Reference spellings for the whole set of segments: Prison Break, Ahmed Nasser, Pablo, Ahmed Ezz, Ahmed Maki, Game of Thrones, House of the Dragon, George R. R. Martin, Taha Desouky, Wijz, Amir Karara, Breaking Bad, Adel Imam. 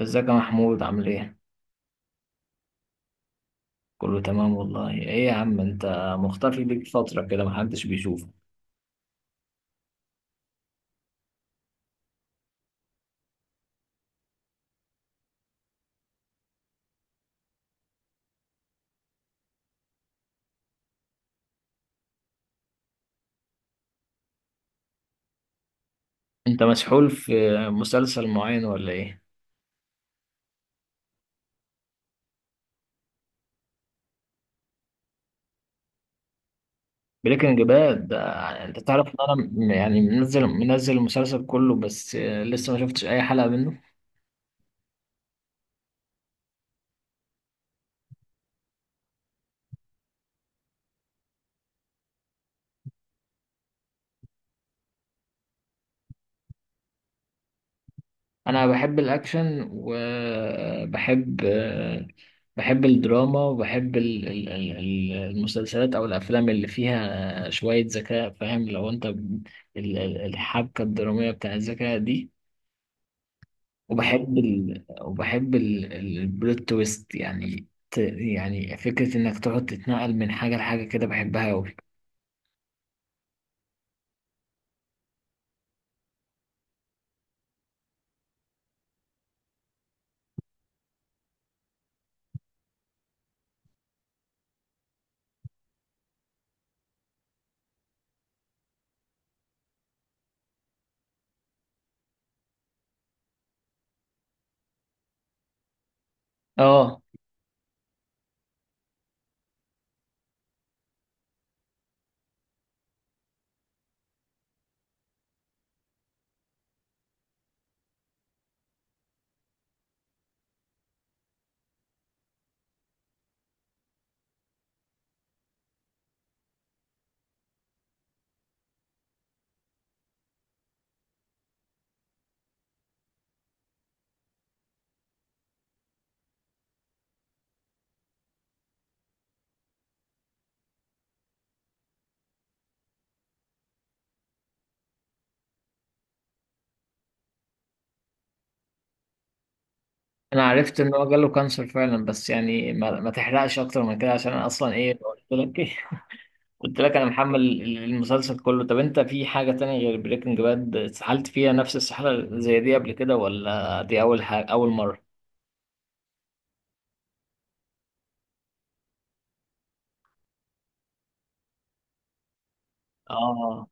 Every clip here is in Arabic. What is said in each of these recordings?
ازيك يا محمود عامل ايه؟ كله تمام والله. ايه يا عم انت، مختفي ليك فترة كده، محدش بيشوفك. انت مسحول في مسلسل معين ولا ايه؟ بريكنج باد ده انت تعرف ان انا منزل المسلسل كله بس لسه ما شفتش اي حلقة منه. انا بحب الاكشن وبحب بحب الدراما وبحب المسلسلات او الافلام اللي فيها شوية ذكاء، فاهم؟ لو انت الحبكة الدرامية بتاع الذكاء دي. وبحب البلوت تويست، يعني يعني فكرة انك تقعد تتنقل من حاجة لحاجة كده، بحبها اوي. اه انا عرفت ان هو جاله كانسر فعلا، بس يعني ما تحرقش اكتر من كده عشان انا اصلا ايه قلت لك ايه قلت لك انا محمل المسلسل كله. طب انت في حاجة تانية غير بريكنج باد اتسحلت فيها نفس السحلة زي دي قبل كده، ولا دي اول حاجة اول مرة؟ اه.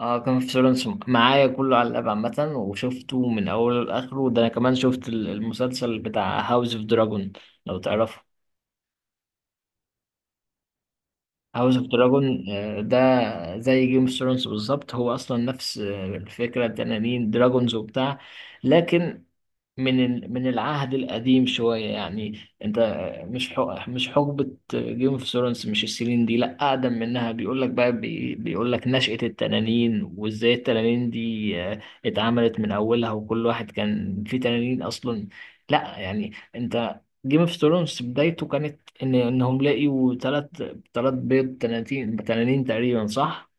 اه كان في سولانس معايا كله على الاب عامة، وشفته من اوله لاخره. ده انا كمان شفت المسلسل بتاع هاوس اوف دراجون، لو تعرفه. هاوس اوف دراجون ده زي جيم اوف ثرونز بالظبط، هو اصلا نفس الفكرة، تنانين دراجونز وبتاع، لكن من من العهد القديم شوية يعني. انت مش حق مش حقبة جيم اوف ثرونز، مش السنين دي، لا اقدم منها. بيقول لك بقى بيقول لك نشأة التنانين، وازاي التنانين دي اتعملت من اولها، وكل واحد كان في تنانين اصلا. لا يعني انت جيم اوف ثرونز بدايته كانت ان انهم لقيوا ثلاث، ثلاث بيض تنانين، تنانين تقريبا، صح.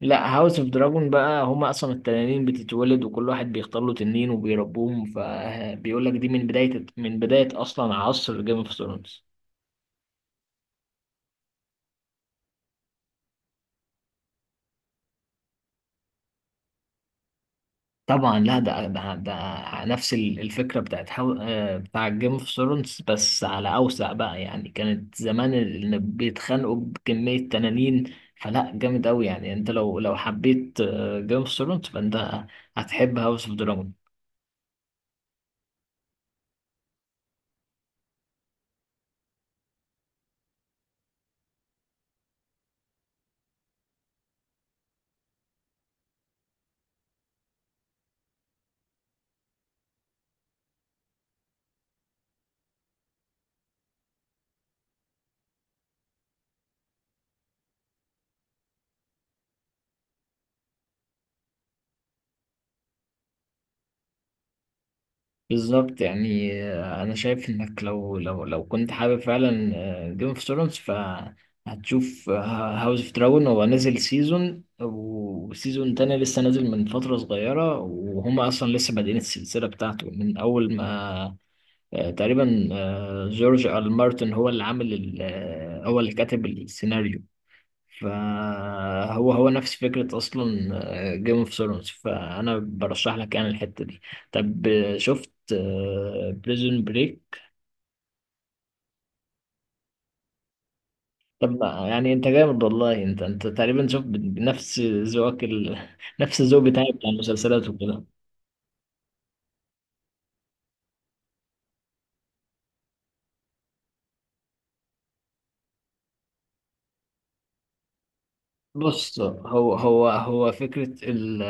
لا هاوس اوف دراجون بقى هما اصلا التنانين بتتولد وكل واحد بيختار له تنين وبيربوهم، فبيقول لك دي من بدايه اصلا عصر جيم اوف ثرونز. طبعا لا، ده نفس الفكره بتاعت هاو آه، بتاع جيم اوف ثرونز، بس على اوسع بقى، يعني كانت زمان اللي بيتخانقوا بكميه تنانين. فلا، جامد قوي يعني. انت لو حبيت جيم اوف ثرونز فانت هتحب هاوس اوف دراجون. بالظبط يعني انا شايف انك لو كنت حابب فعلا جيم اوف ثرونز فهتشوف هاوس اوف دراجون. هو نازل سيزون، وسيزون تاني لسه نازل من فترة صغيرة، وهم اصلا لسه بادئين السلسلة بتاعته من اول ما تقريبا جورج آر آر مارتن هو اللي عامل هو اللي كاتب السيناريو. فهو نفس فكرة أصلا جيم اوف ثرونز، فأنا برشح لك يعني الحتة دي. طب شفت بريزون بريك؟ طب يعني أنت جامد والله، أنت تقريبا شفت نفس نفس الذوق بتاعي بتاع المسلسلات وكده. بص، هو فكرة ال-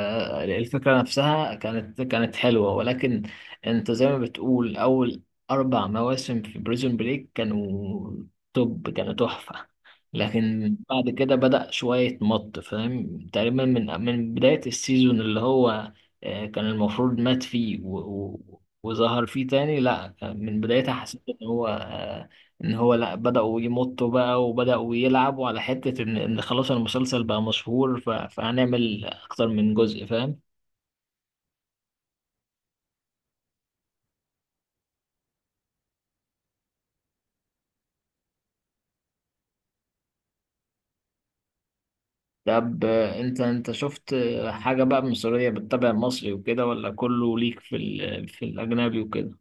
الفكرة نفسها كانت حلوة، ولكن انت زي ما بتقول، أول أربع مواسم في بريزون بريك كانوا توب، كانوا تحفة. لكن بعد كده بدأ شوية مط، فاهم؟ تقريبا من بداية السيزون اللي هو كان المفروض مات فيه وظهر فيه تاني. لا، من بدايتها حسيت إن هو ان هو لا بدأوا يمطوا بقى، وبدأوا يلعبوا على حتة ان ان خلاص المسلسل بقى مشهور فهنعمل اكتر من جزء، فاهم؟ طب انت شفت حاجة بقى مصرية بتتابع مصري وكده، ولا كله ليك في الأجنبي وكده؟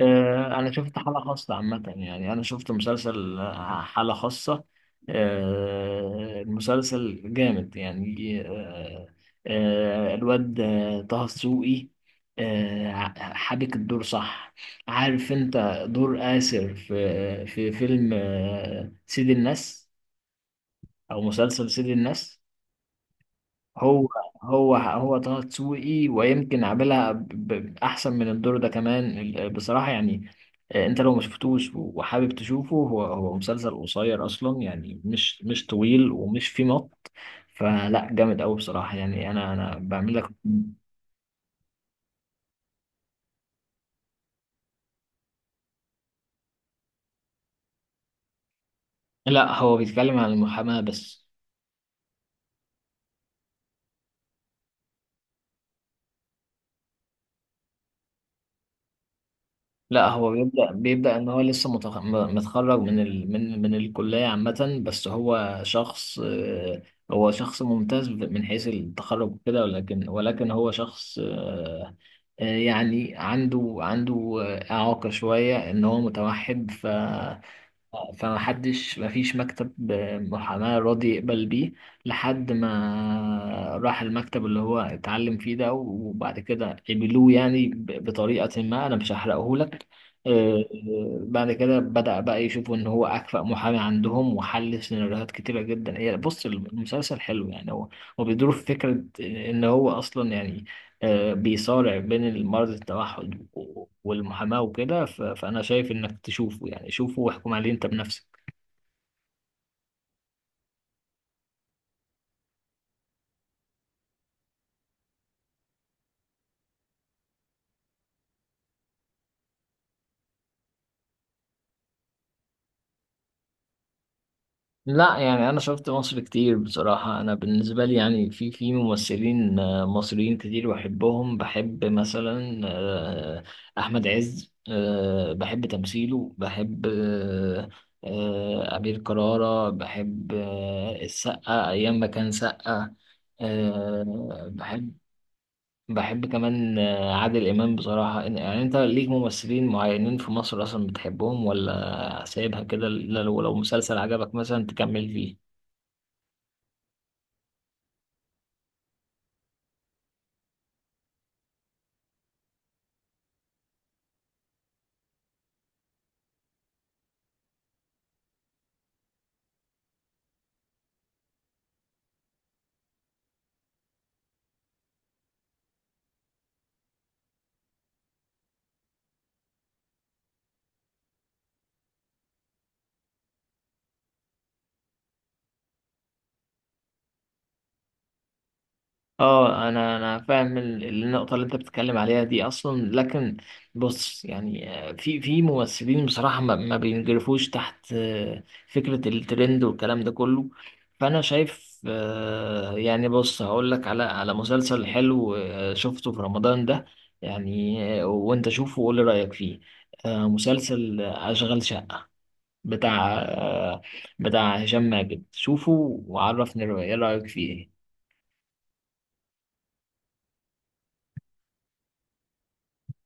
أنا شفت حالة خاصة عامة. يعني أنا شفت مسلسل حالة خاصة. المسلسل جامد يعني. الواد طه دسوقي، حابك الدور صح؟ عارف أنت دور آسر في في فيلم سيد الناس، أو مسلسل سيد الناس؟ هو، هو طه دسوقي، ويمكن عاملها احسن من الدور ده كمان بصراحة يعني. انت لو ما شفتوش وحابب تشوفه، هو مسلسل قصير اصلا يعني، مش طويل ومش فيه مط. فلا، جامد قوي بصراحة، يعني انا بعمل لك. لا هو بيتكلم عن المحاماة بس. لا، هو بيبدأ بيبدأ إن هو لسه متخرج من من الكلية عامة، بس هو شخص هو شخص ممتاز من حيث التخرج وكده، ولكن هو شخص يعني عنده إعاقة شوية، إن هو متوحد. فمحدش، مفيش مكتب محاماة راضي يقبل بيه، لحد ما راح المكتب اللي هو اتعلم فيه ده، وبعد كده قبلوه يعني بطريقة ما. أنا مش هحرقه لك. آه، بعد كده بدأ بقى يشوفوا إن هو أكفأ محامي عندهم، وحل سيناريوهات كتيرة جدا. هي بص، المسلسل حلو يعني. هو بيدور في فكرة إن هو أصلا يعني بيصارع بين المرض التوحد والمحاماة وكده. فأنا شايف إنك تشوفه، يعني شوفه واحكم عليه أنت بنفسك. لا يعني أنا شفت مصر كتير بصراحة. أنا بالنسبة لي يعني في ممثلين مصريين كتير بحبهم. بحب مثلا أحمد عز، بحب تمثيله. بحب أمير كرارة، بحب السقا أيام ما كان سقا. آه، بحب بحب كمان عادل إمام بصراحة. يعني أنت ليك ممثلين معينين في مصر أصلا بتحبهم، ولا سايبها كده إلا لو مسلسل عجبك مثلا تكمل فيه؟ اه انا فاهم النقطه اللي انت بتتكلم عليها دي اصلا، لكن بص يعني في ممثلين بصراحه ما بينجرفوش تحت فكره الترند والكلام ده كله. فانا شايف يعني بص، هقول لك على مسلسل حلو شفته في رمضان ده، يعني وانت شوفه وقول لي رايك فيه. مسلسل اشغال شقه، بتاع بتاع هشام ماجد، شوفه وعرفني ايه رايك فيه.